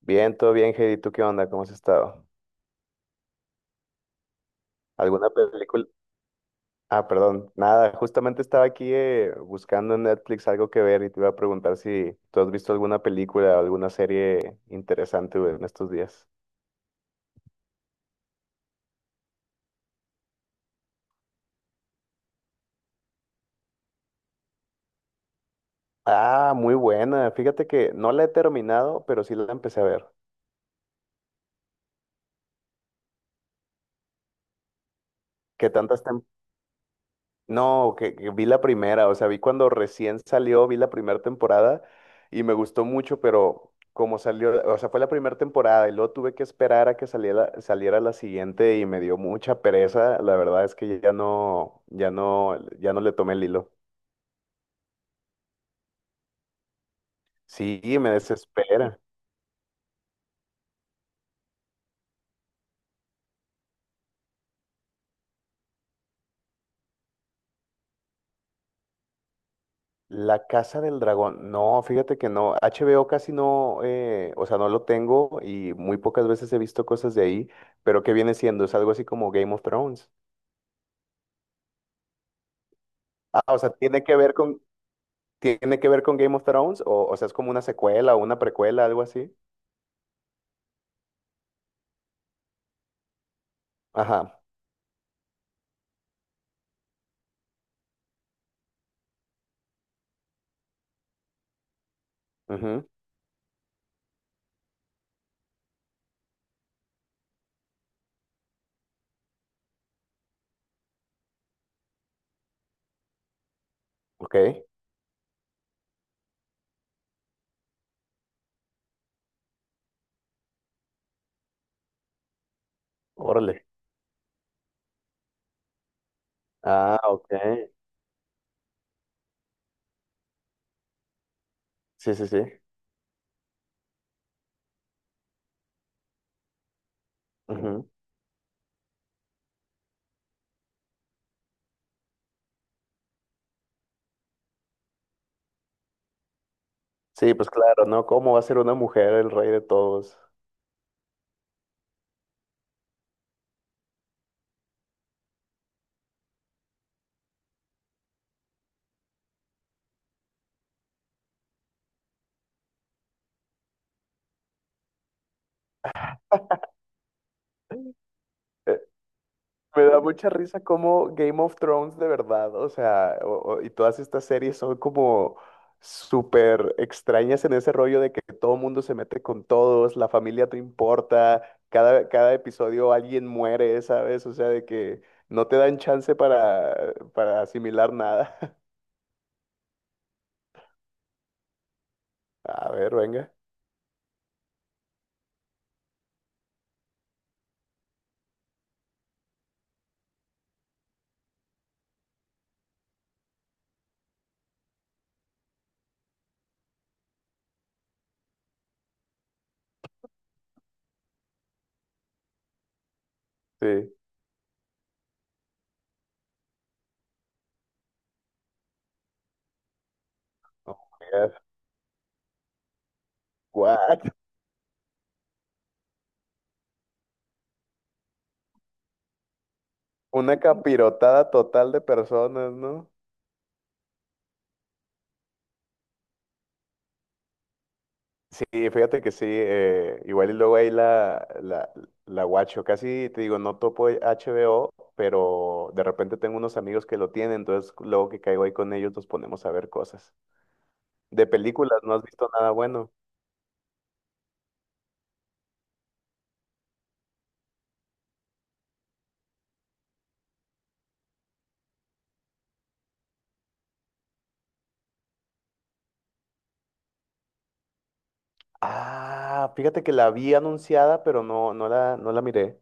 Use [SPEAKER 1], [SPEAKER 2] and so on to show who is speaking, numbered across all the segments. [SPEAKER 1] Bien, todo bien, Heidi. ¿Tú qué onda? ¿Cómo has estado? ¿Alguna película? Ah, perdón, nada. Justamente estaba aquí buscando en Netflix algo que ver y te iba a preguntar si tú has visto alguna película o alguna serie interesante güey, en estos días. Ah, muy buena. Fíjate que no la he terminado, pero sí la empecé a ver. ¿Qué tantas, No, que vi la primera, o sea, vi cuando recién salió, vi la primera temporada y me gustó mucho, pero como salió, o sea, fue la primera temporada y luego tuve que esperar a que saliera la siguiente y me dio mucha pereza, la verdad es que ya no, ya no, ya no le tomé el hilo. Sí, me desespera. La Casa del Dragón, no, fíjate que no, HBO casi no, o sea, no lo tengo y muy pocas veces he visto cosas de ahí, pero ¿qué viene siendo? Es algo así como Game of Thrones. Ah, o sea, tiene que ver con, ¿tiene que ver con Game of Thrones? O sea, es como una secuela o una precuela, algo así. Ajá. Ujú. Ok. Órale. Ah, ok. Sí, sí, sí. Ujú. Sí, pues claro, ¿no? ¿Cómo va a ser una mujer el rey de todos? Eh, Me da mucha risa como Game of Thrones de verdad, o sea, y todas estas series son como súper extrañas en ese rollo de que todo mundo se mete con todos, la familia te importa, cada episodio alguien muere, ¿sabes? O sea, de que no te dan chance para asimilar nada. A ver, venga. Sí. Oh, my God. What? Una capirotada total de personas, ¿no? Sí, fíjate que sí, igual y luego ahí la guacho, casi te digo, no topo HBO, pero de repente tengo unos amigos que lo tienen, entonces luego que caigo ahí con ellos nos ponemos a ver cosas. De películas, ¿no has visto nada bueno? Ah, fíjate que la vi anunciada, pero no, no la miré.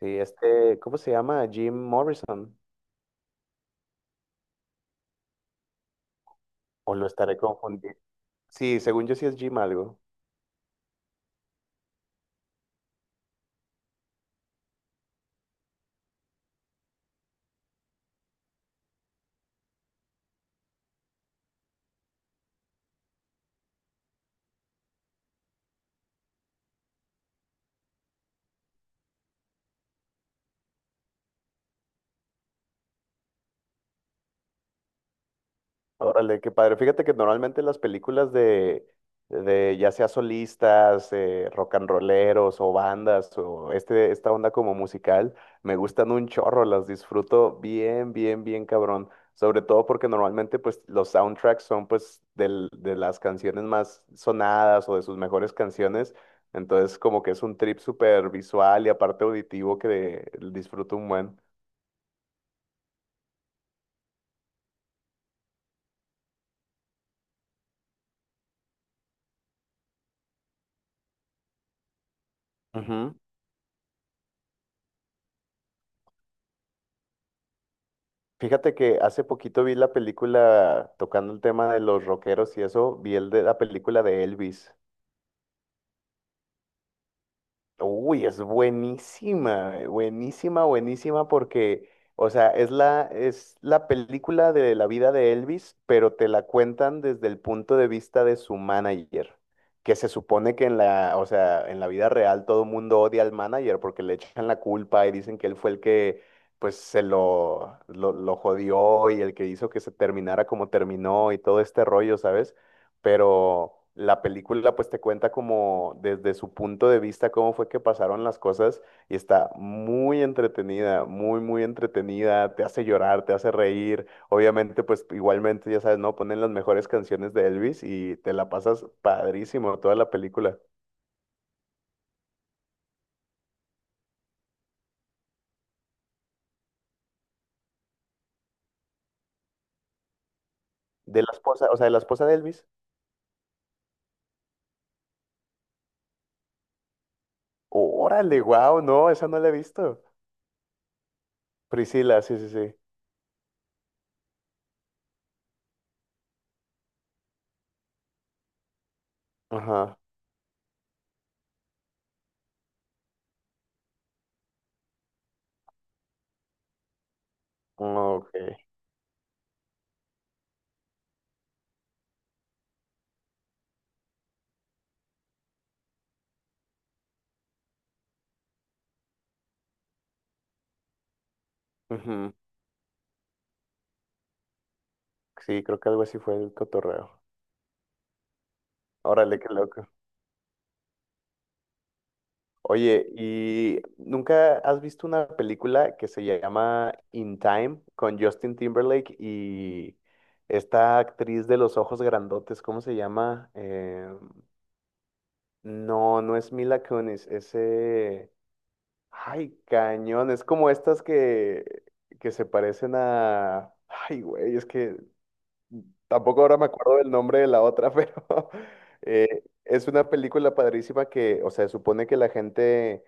[SPEAKER 1] Sí, este, ¿cómo se llama? Jim Morrison. O lo estaré confundiendo. Sí, según yo sí es Jim algo. Órale, qué padre. Fíjate que normalmente las películas de ya sea solistas, rock and rolleros o bandas o este, esta onda como musical, me gustan un chorro, las disfruto bien, bien, bien cabrón. Sobre todo porque normalmente pues los soundtracks son pues de las canciones más sonadas o de sus mejores canciones. Entonces como que es un trip súper visual y aparte auditivo que disfruto un buen. Fíjate que hace poquito vi la película, tocando el tema de los rockeros y eso, vi el de la película de Elvis. Uy, es buenísima, buenísima, buenísima porque, o sea, es la película de la vida de Elvis, pero te la cuentan desde el punto de vista de su manager, que se supone que o sea, en la vida real todo mundo odia al manager porque le echan la culpa y dicen que él fue el que, pues, lo jodió y el que hizo que se terminara como terminó y todo este rollo, ¿sabes? Pero la película pues te cuenta como desde su punto de vista cómo fue que pasaron las cosas y está muy entretenida, muy, muy entretenida, te hace llorar, te hace reír, obviamente pues igualmente ya sabes, ¿no? Ponen las mejores canciones de Elvis y te la pasas padrísimo toda la película. De la esposa, o sea, de la esposa de Elvis. Órale, wow, no, esa no la he visto. Priscila, sí, sí, sí. Ajá. Ok. Ujú. Sí, creo que algo así fue el cotorreo. Órale, qué loco. Oye, ¿y nunca has visto una película que se llama In Time con Justin Timberlake y esta actriz de los ojos grandotes? ¿Cómo se llama? No, no es Mila Kunis, ese... Ay, cañón, es como estas que se parecen a... Ay, güey, es que tampoco ahora me acuerdo del nombre de la otra, pero es una película padrísima que, o sea, supone que la gente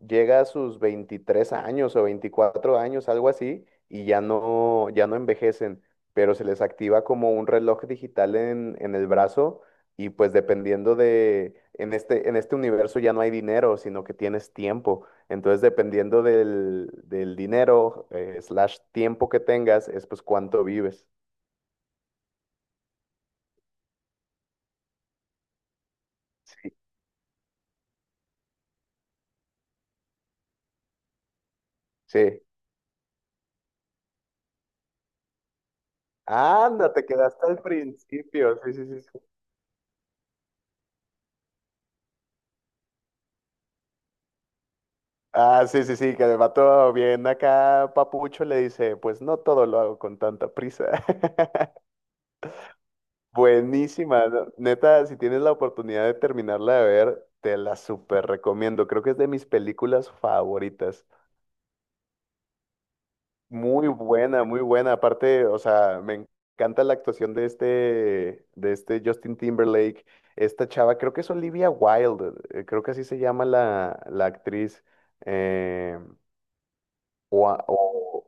[SPEAKER 1] llega a sus 23 años o 24 años, algo así, y ya no, ya no envejecen, pero se les activa como un reloj digital en el brazo y pues dependiendo de, en este universo ya no hay dinero, sino que tienes tiempo. Entonces, dependiendo del dinero, slash tiempo que tengas, es pues cuánto vives. Sí. Sí, anda, te quedaste al principio. Sí, sí, sí. Sí. Ah, sí, sí, sí, que el vato bien acá, papucho, le dice, pues no todo lo hago con tanta prisa. Buenísima, ¿no? Neta, si tienes la oportunidad de terminarla de ver, te la súper recomiendo. Creo que es de mis películas favoritas. Muy buena, muy buena. Aparte, o sea, me encanta la actuación de este Justin Timberlake. Esta chava, creo que es Olivia Wilde, creo que así se llama la actriz. eh, o, a- o-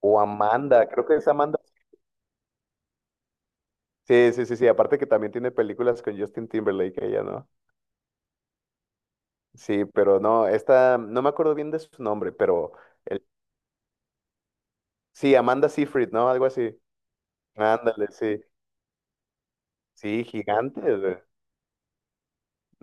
[SPEAKER 1] o Amanda, creo que es Amanda. Sí, sí, sí, sí. Aparte que también tiene películas con Justin Timberlake, ella, ¿no? Sí, pero no, esta, no me acuerdo bien de su nombre, pero el- sí, Amanda Seyfried, ¿no? Algo así. Ándale, sí. Sí, gigante.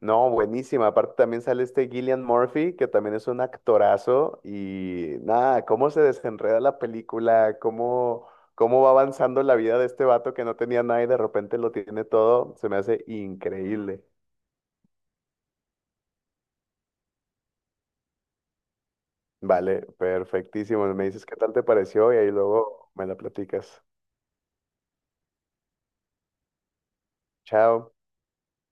[SPEAKER 1] No, buenísima. Aparte también sale este Gillian Murphy, que también es un actorazo. Y nada, cómo se desenreda la película, cómo, cómo va avanzando la vida de este vato que no tenía nada y de repente lo tiene todo, se me hace increíble. Vale, perfectísimo. Me dices qué tal te pareció y ahí luego me la platicas. Chao.